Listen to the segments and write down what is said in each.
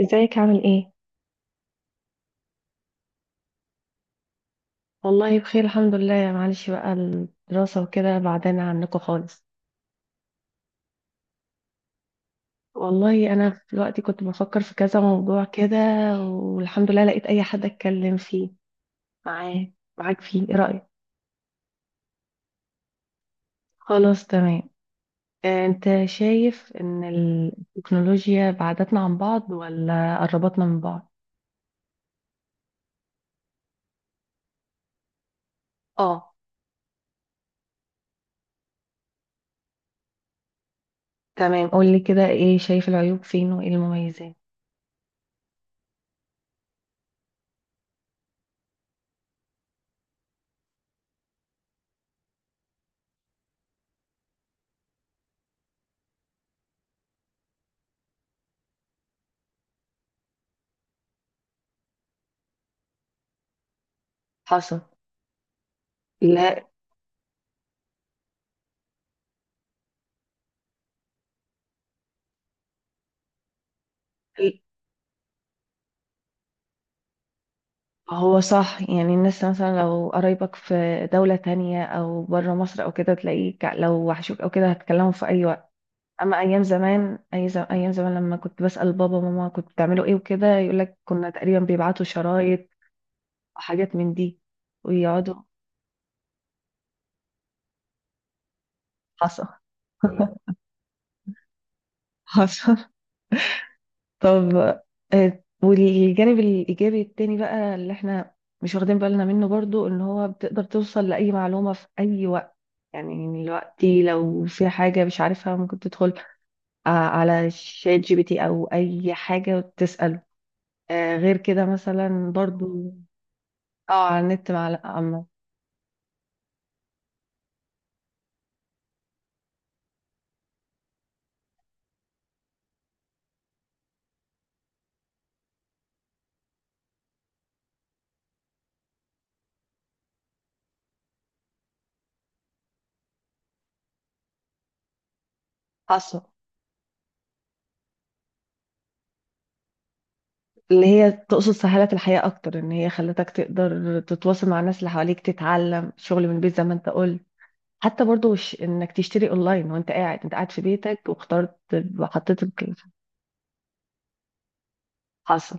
ازيك عامل ايه؟ والله بخير الحمد لله. معلش بقى الدراسة وكده بعدنا عنكم خالص. والله انا في الوقت كنت بفكر في كذا موضوع كده، والحمد لله لقيت اي حد اتكلم فيه معاه، معاك فيه. ايه رأيك؟ خلاص تمام. انت شايف ان التكنولوجيا بعدتنا عن بعض ولا قربتنا من بعض؟ اه. تمام، قولي كده، ايه شايف العيوب فين وايه المميزات؟ حصل. لا. هو صح، يعني الناس مثلا لو قرايبك في دولة تانية أو بره مصر أو كده، تلاقيك لو وحشوك أو كده هتكلموا في أي وقت. أما أيام زمان، أيام زمان لما كنت بسأل بابا وماما كنت بتعملوا إيه وكده، يقولك كنا تقريبا بيبعتوا شرايط أو حاجات من دي ويقعدوا. حصل. حصل. طب والجانب الإيجابي التاني بقى اللي احنا مش واخدين بالنا منه برضو، إن هو بتقدر توصل لأي معلومة في أي وقت. يعني دلوقتي لو في حاجة مش عارفها ممكن تدخل على شات جي بي تي أو أي حاجة وتسأله. غير كده مثلا برضو. اه على النت. مع أما حصل، اللي هي تقصد سهلت الحياة أكتر، إن هي خلتك تقدر تتواصل مع الناس اللي حواليك، تتعلم شغل من البيت زي ما أنت قلت. حتى برضو إنك تشتري أونلاين وأنت قاعد، أنت قاعد في بيتك واخترت وحطيت حصل.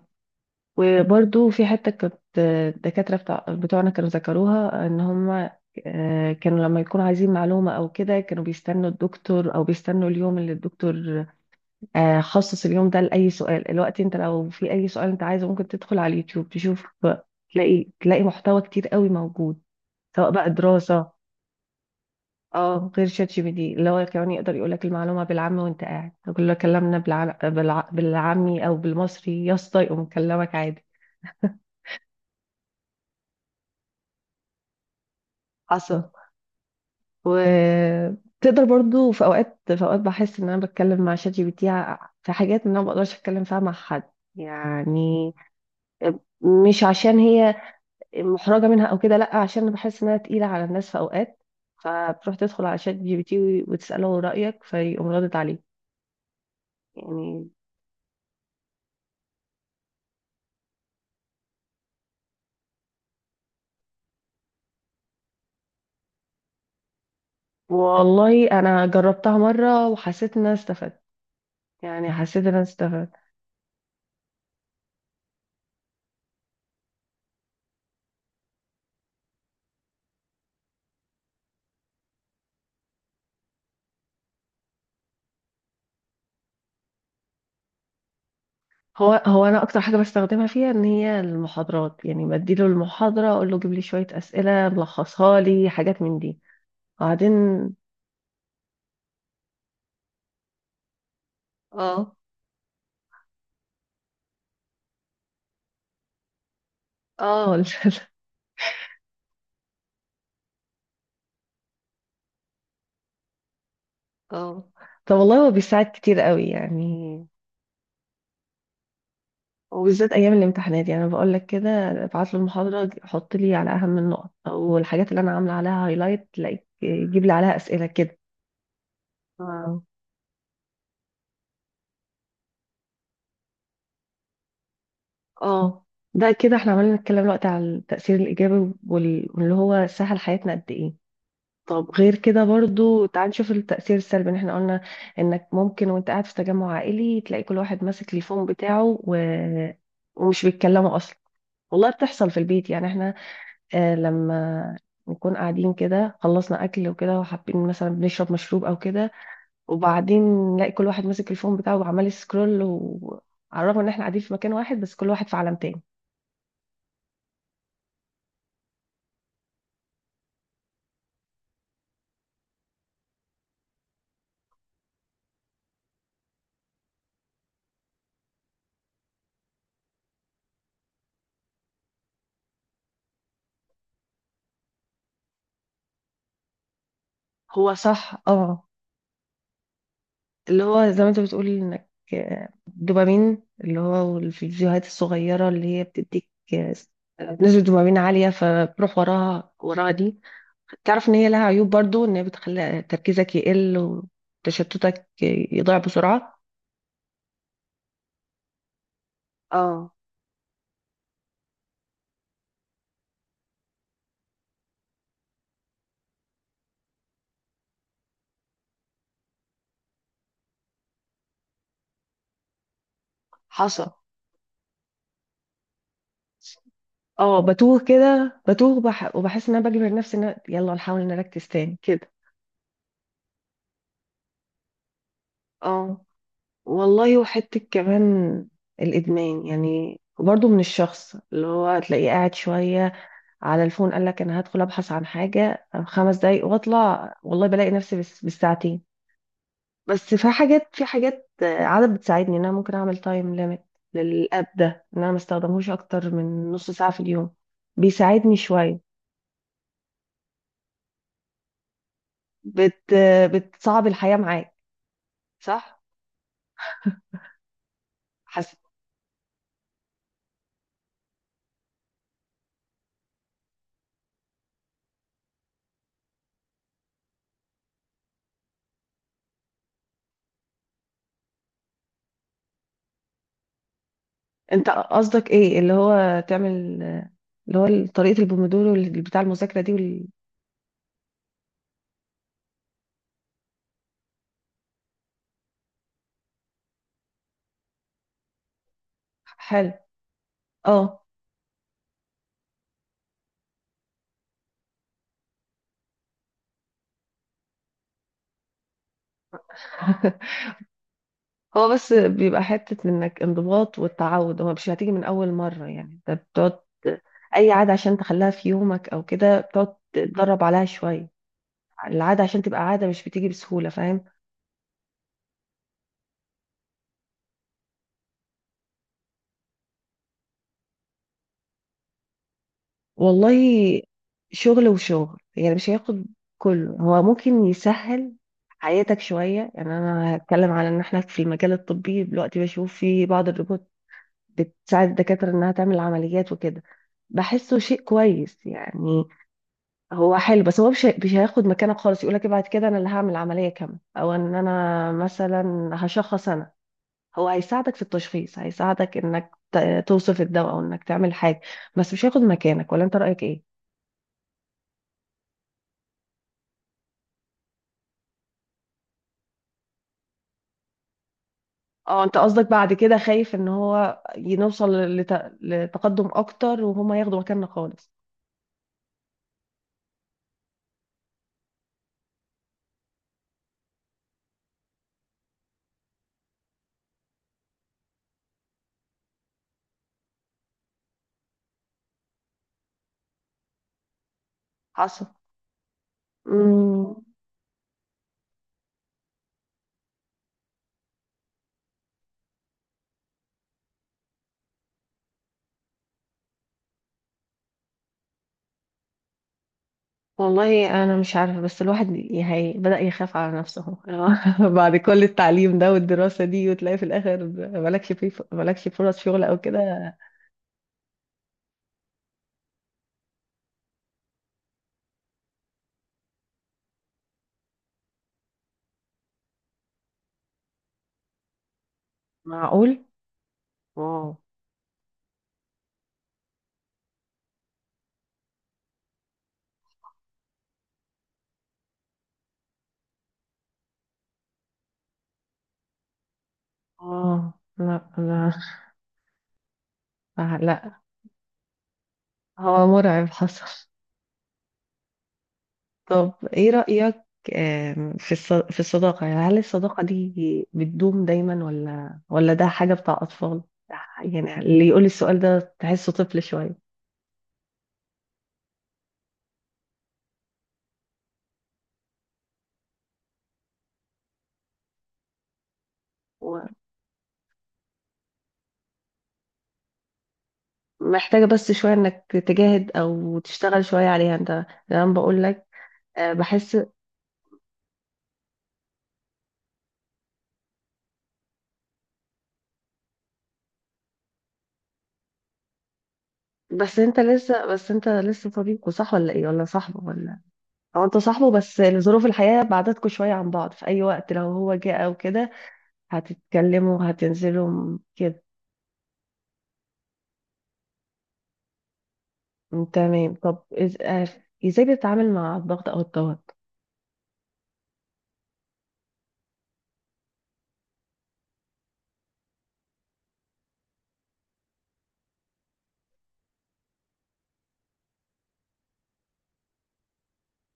وبرضو في حتة كانت الدكاترة بتاع بتوعنا كانوا ذكروها، ان هم كانوا لما يكونوا عايزين معلومة او كده كانوا بيستنوا الدكتور او بيستنوا اليوم اللي الدكتور خصص اليوم ده لأي سؤال. الوقت انت لو في اي سؤال انت عايزه ممكن تدخل على اليوتيوب تشوف، تلاقي محتوى كتير قوي موجود، سواء بقى دراسة. اه غير شات جي بي دي، اللي هو كمان يقدر يقول لك المعلومة بالعامي وانت قاعد، كلنا كلامنا بالعامي او بالمصري يا اسطى، يقوم مكلمك عادي. حصل. وتقدر برضو في اوقات بحس ان انا بتكلم مع شات جي بي تي في حاجات ان انا ما بقدرش اتكلم فيها مع حد، يعني مش عشان هي محرجة منها او كده، لا عشان انا بحس انها تقيلة على الناس في اوقات، فبتروح تدخل على شات جي بي تي وتسأله رأيك فيقوم ردت عليك، يعني. والله انا جربتها مرة وحسيت ان انا استفدت، يعني حسيت ان انا استفدت. هو انا اكتر حاجه بستخدمها فيها ان هي المحاضرات، يعني بديله المحاضره اقول له جيب لي شويه اسئله، ملخصها لي حاجات من دي. وبعدين اه. اه. اه. طب والله هو بيساعد كتير قوي يعني. وبالذات ايام الامتحانات، يعني انا بقول لك كده، ابعت له المحاضره حط لي على اهم النقط او الحاجات اللي انا عامله عليها هايلايت، تلاقيك جيب لي عليها اسئله كده. اه. اه. ده كده احنا عمالين نتكلم دلوقتي على التاثير الايجابي واللي هو سهل حياتنا قد ايه. طب غير كده برضو تعال نشوف التأثير السلبي. ان احنا قلنا انك ممكن وانت قاعد في تجمع عائلي تلاقي كل واحد ماسك التليفون بتاعه و... ومش بيتكلموا اصلا. والله بتحصل في البيت، يعني احنا آه لما نكون قاعدين كده خلصنا اكل وكده وحابين مثلا بنشرب مشروب او كده، وبعدين نلاقي كل واحد ماسك التليفون بتاعه وعمال سكرول و... على الرغم ان احنا قاعدين في مكان واحد بس كل واحد في عالم تاني. هو صح اه. اللي هو زي ما انت بتقول، انك دوبامين، اللي هو الفيديوهات الصغيرة اللي هي بتديك آه، نسبة دوبامين عالية، فبروح وراها دي. تعرف ان هي لها عيوب برضو، ان هي بتخلي تركيزك يقل وتشتتك، يضيع بسرعة. اه حصل. اه بتوه كده بتوه بح وبحس ان انا بجبر نفسي ان يلا نحاول نركز تاني كده. اه. والله وحتة كمان الإدمان، يعني برضو من الشخص اللي هو تلاقيه قاعد شوية على الفون، قال لك انا هدخل ابحث عن حاجه 5 دقايق واطلع، والله بلاقي نفسي بس بالساعتين. بس في حاجات، في حاجات عادة بتساعدني ان انا ممكن اعمل تايم ليميت للاب ده، ان انا ما استخدمهوش اكتر من نص ساعه في اليوم. بيساعدني شويه. بت آه، بتصعب الحياه معاك صح. حسن انت قصدك ايه، اللي هو تعمل اللي هو طريقه البومودورو اللي بتاع المذاكره دي حلو. اه. هو بس بيبقى حتة انك انضباط والتعود، هو مش هتيجي من اول مرة، يعني انت بتقعد اي عادة عشان تخليها في يومك او كده بتقعد تتدرب عليها شوية. العادة عشان تبقى عادة مش بتيجي بسهولة، فاهم. والله شغل وشغل، يعني مش هياخد كله، هو ممكن يسهل حياتك شوية. يعني انا هتكلم على ان احنا في المجال الطبي دلوقتي بشوف في بعض الروبوت بتساعد الدكاترة انها تعمل عمليات وكده، بحسه شيء كويس يعني. هو حلو، بس هو مش هياخد مكانك خالص يقولك بعد كده انا اللي هعمل عمليه كامله او ان انا مثلا هشخص انا. هو هيساعدك في التشخيص، هيساعدك انك توصف الدواء او انك تعمل حاجه، بس مش هياخد مكانك. ولا انت رايك ايه. اه انت قصدك بعد كده خايف ان هو نوصل لت... لتقدم اكتر وهما ياخدوا مكاننا خالص. حصل. مم. والله انا مش عارفه، بس الواحد هي بدأ يخاف على نفسه اهو. بعد كل التعليم ده والدراسه دي وتلاقي في الاخر مالكش فرص شغل او كده. معقول. واو. اه لا لا لا. هو مرعب حصل. طب ايه رأيك في في الصداقه، يعني هل الصداقه دي بتدوم دايما ولا ده حاجه بتاع اطفال، يعني اللي يقول السؤال ده تحسه طفل شويه. محتاجة بس شوية انك تجاهد او تشتغل شوية عليها انت، زي ما بقول لك بحس. بس انت لسه صديقه صح ولا ايه ولا صاحبه ولا او انت صاحبه بس ظروف الحياة بعدتكوا شوية عن بعض، في اي وقت لو هو جه او كده هتتكلموا هتنزلوا كده. تمام. طب ازاي بتتعامل مع الضغط او التوتر.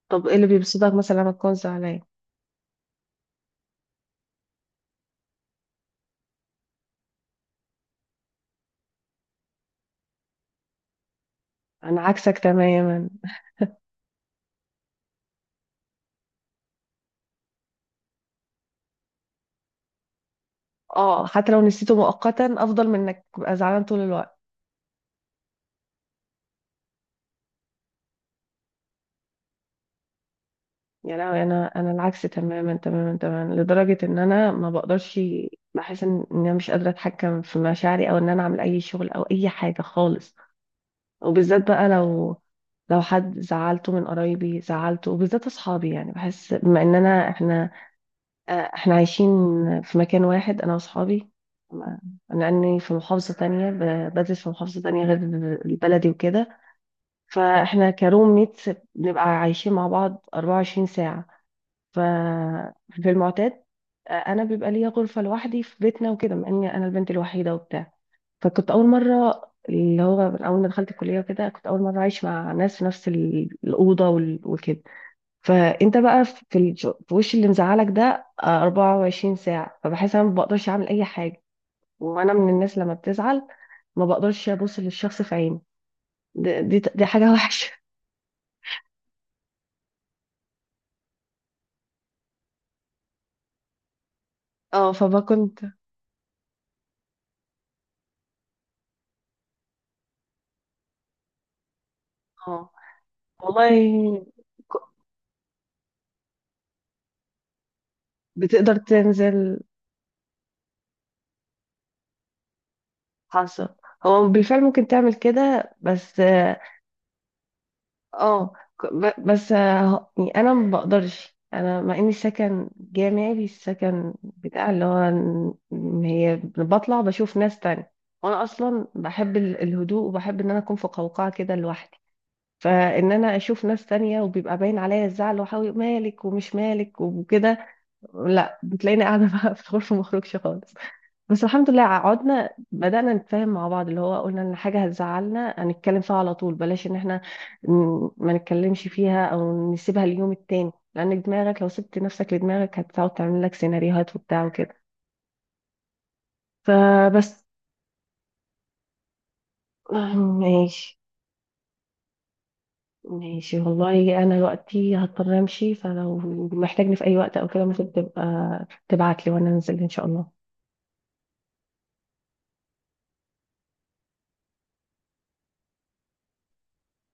طب ايه اللي بيبسطك مثلا لما تكون زعلان. انا عكسك تماما. اه حتى لو نسيته مؤقتا افضل من انك تبقى زعلان طول الوقت. يا لهوي انا، انا العكس تماما لدرجه ان انا ما بقدرش، بحس ان انا مش قادره اتحكم في مشاعري او ان انا اعمل اي شغل او اي حاجه خالص. وبالذات بقى لو، لو حد زعلته من قرايبي زعلته وبالذات اصحابي، يعني بحس بما اننا احنا احنا عايشين في مكان واحد انا واصحابي ما- لاني في محافظه تانية بدرس في محافظه تانية غير البلدي وكده، فاحنا كروم ميتس بنبقى عايشين مع بعض 24 ساعه. ففي المعتاد انا بيبقى ليا غرفه لوحدي في بيتنا وكده، مع اني انا البنت الوحيده وبتاع. فكنت اول مره، اللي هو من اول ما دخلت الكليه وكده كنت اول مره عايش مع ناس في نفس الاوضه وكده. فانت بقى في في وش اللي مزعلك ده 24 ساعه، فبحس انا ما بقدرش اعمل اي حاجه. وانا من الناس لما بتزعل ما بقدرش ابص للشخص في عينه. دي حاجه وحشه. اه فبكنت. اه والله. ك- بتقدر تنزل. حصل. هو بالفعل ممكن تعمل كده بس اه آه، ك- ب- بس آه، يعني انا ما بقدرش، انا مع اني سكن جامعي السكن بتاع اللي هو إن هي بطلع بشوف ناس تانية، وانا اصلا بحب الهدوء وبحب ان انا اكون في قوقعة كده لوحدي. فان انا اشوف ناس تانية وبيبقى باين عليا الزعل، وحاول مالك ومش مالك وكده، لا بتلاقيني قاعدة بقى في الغرفة مخرجش خالص. بس الحمد لله قعدنا بدأنا نتفاهم مع بعض، اللي هو قلنا ان حاجة هتزعلنا هنتكلم فيها على طول، بلاش ان احنا ما نتكلمش فيها او نسيبها اليوم التاني، لان دماغك لو سبت نفسك لدماغك هتقعد تعمل لك سيناريوهات وبتاع وكده، فبس. ماشي. ماشي والله انا دلوقتي هضطر امشي، فلو محتاجني في اي وقت او كده ممكن تبقى تبعت لي وانا انزل ان شاء الله.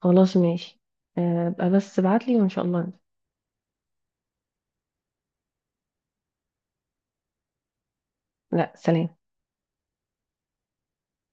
خلاص ماشي. ابقى بس ابعت لي وان شاء الله. لا سلام.